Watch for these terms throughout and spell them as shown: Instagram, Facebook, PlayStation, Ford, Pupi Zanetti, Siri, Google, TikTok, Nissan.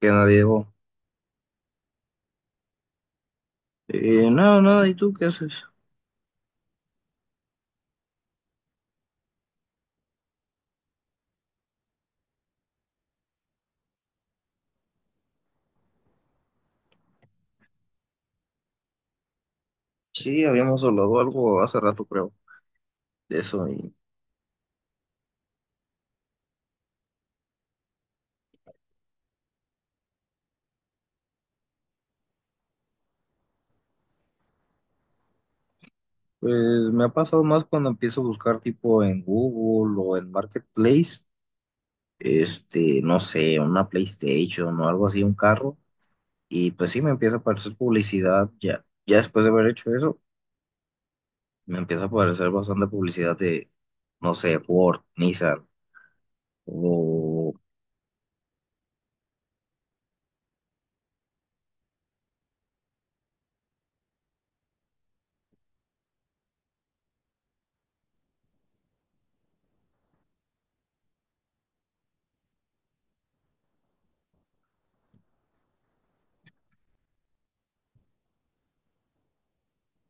Que nadie llegó. Nada, nada, ¿y tú qué haces? Sí, habíamos hablado algo hace rato, creo, de eso. Y pues me ha pasado más cuando empiezo a buscar tipo en Google o en Marketplace, no sé, una PlayStation o algo así, un carro. Y pues sí, me empieza a aparecer publicidad ya. Ya después de haber hecho eso, me empieza a aparecer bastante publicidad de, no sé, Ford, Nissan o...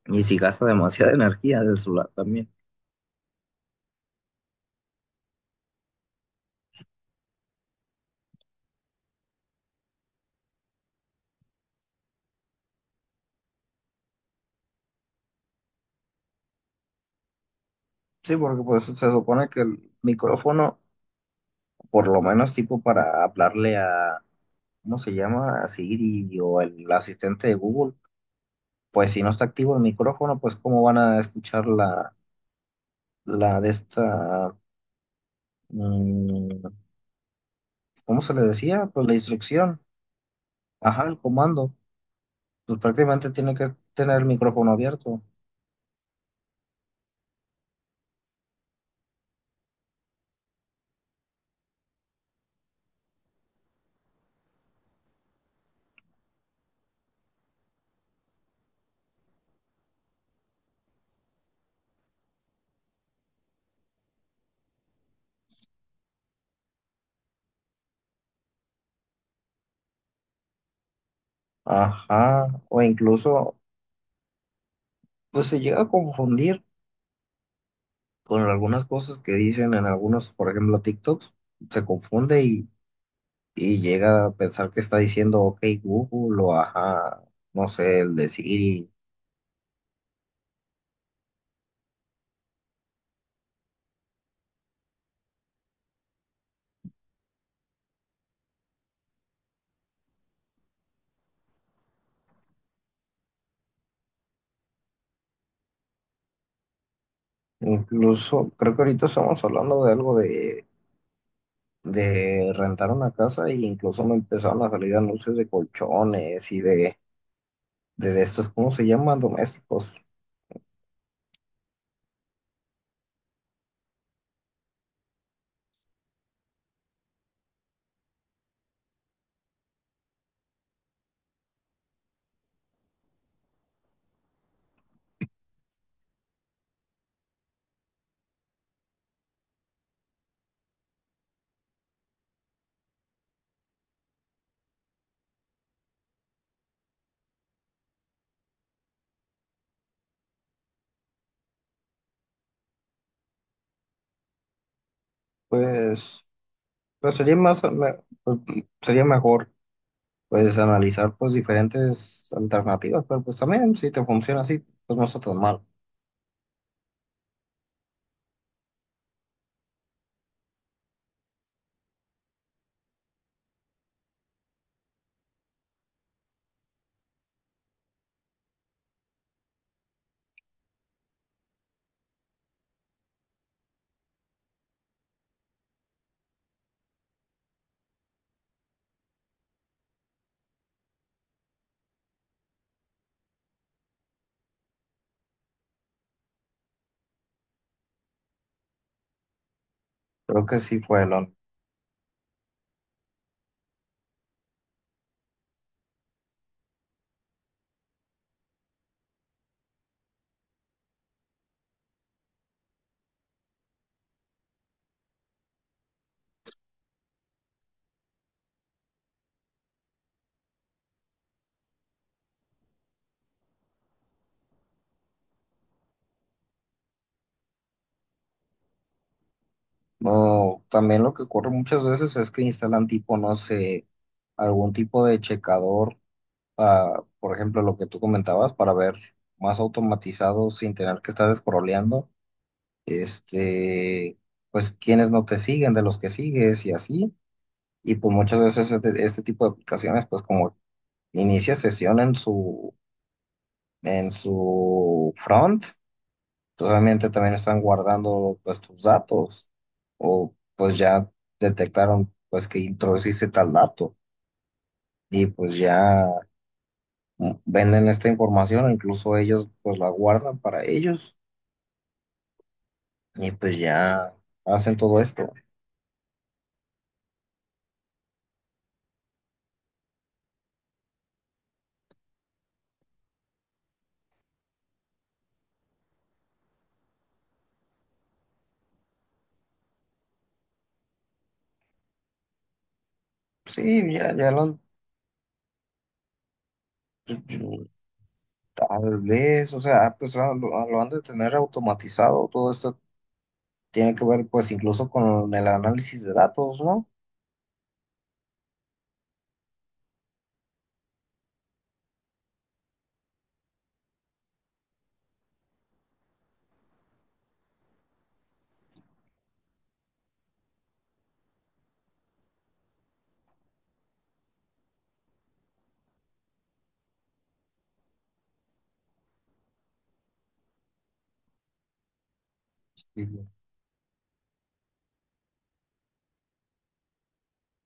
Y si gasta demasiada energía del celular también. Sí, porque pues se supone que el micrófono por lo menos tipo para hablarle a, ¿cómo se llama? A Siri o el asistente de Google, pues si no está activo el micrófono, pues cómo van a escuchar la, la de esta, mm, ¿cómo se le decía? Pues la instrucción, ajá, el comando, pues prácticamente tiene que tener el micrófono abierto, ajá, o incluso, pues se llega a confundir con algunas cosas que dicen en algunos, por ejemplo, TikToks, se confunde y llega a pensar que está diciendo, ok, Google o ajá, no sé, el de Siri. Incluso creo que ahorita estamos hablando de algo de rentar una casa e incluso me empezaron a salir anuncios de colchones y de, de estos, ¿cómo se llaman? Domésticos. Pues, pues sería más, pues, sería mejor pues analizar pues diferentes alternativas, pero pues también si te funciona así, pues no está tan mal. Creo que sí fue. No, también lo que ocurre muchas veces es que instalan tipo, no sé, algún tipo de checador, ah, por ejemplo, lo que tú comentabas, para ver más automatizado sin tener que estar scrolleando, este, pues quienes no te siguen, de los que sigues y así. Y pues muchas veces este tipo de aplicaciones, pues como inicia sesión en su front. Realmente también están guardando pues tus datos o pues ya detectaron pues que introduciste tal dato y pues ya venden esta información o incluso ellos pues la guardan para ellos y pues ya hacen todo esto. Sí, ya, tal vez, o sea, pues lo, lo han de tener automatizado, todo esto tiene que ver pues incluso con el análisis de datos, ¿no? Sí,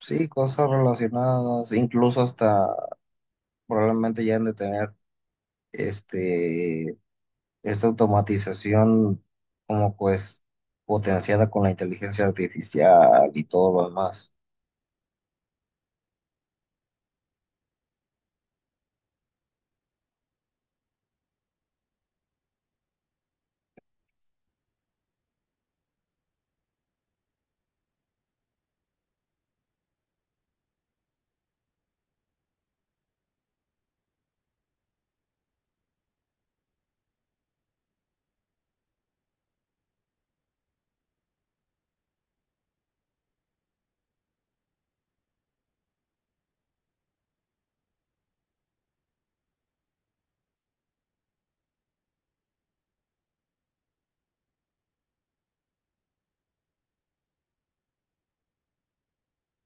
sí, cosas relacionadas, incluso hasta probablemente ya han de tener este, esta automatización como pues potenciada con la inteligencia artificial y todo lo demás.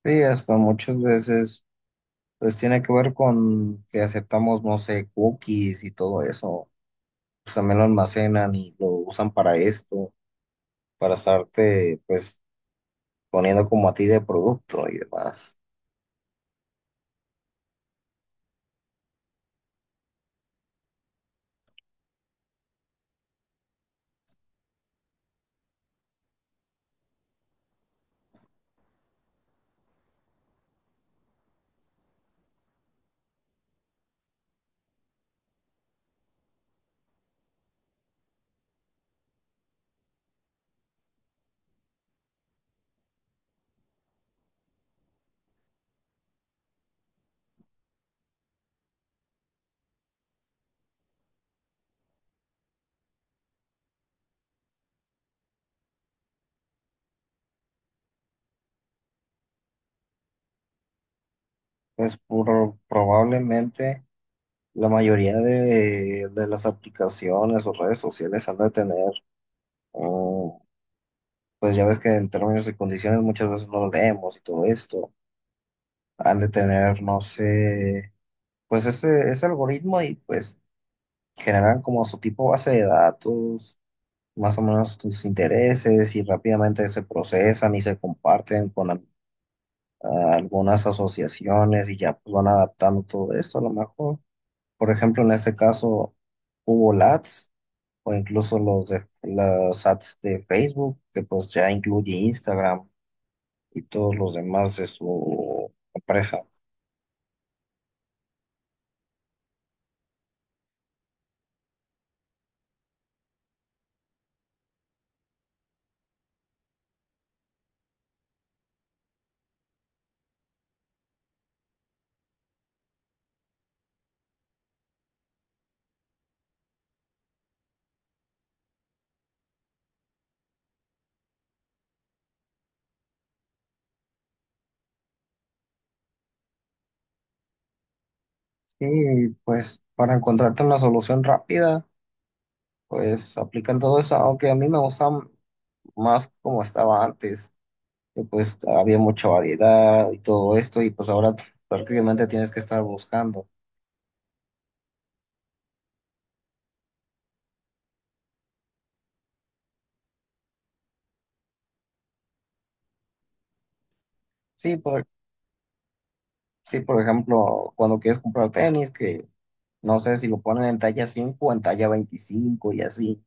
Sí, hasta muchas veces pues tiene que ver con que aceptamos, no sé, cookies y todo eso. Pues también lo almacenan y lo usan para esto, para estarte pues poniendo como a ti de producto y demás. Probablemente. La mayoría de las aplicaciones o redes sociales han de tener, mm, pues ya ves que en términos y condiciones muchas veces no lo leemos y todo esto, han de tener, no sé, pues ese algoritmo y pues generan como su tipo base de datos, más o menos tus intereses y rápidamente se procesan y se comparten con algunas asociaciones y ya pues van adaptando todo esto a lo mejor. Por ejemplo, en este caso hubo LATs o incluso los de las ads de Facebook, que pues ya incluye Instagram y todos los demás de su empresa. Sí, pues para encontrarte una solución rápida, pues aplican todo eso, aunque a mí me gusta más como estaba antes, que pues había mucha variedad y todo esto, y pues ahora prácticamente tienes que estar buscando. Sí, por, sí, por ejemplo, cuando quieres comprar tenis, que no sé si lo ponen en talla 5 o en talla 25 y así.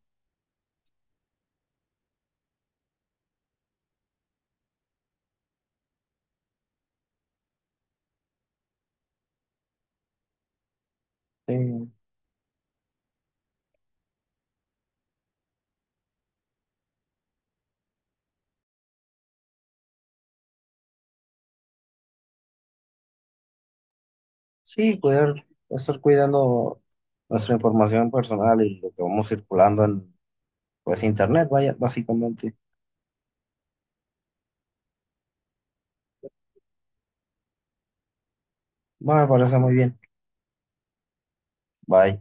Eh, sí, cuidar, estar cuidando nuestra información personal y lo que vamos circulando en pues internet, vaya, básicamente. Va, me parece muy bien. Bye.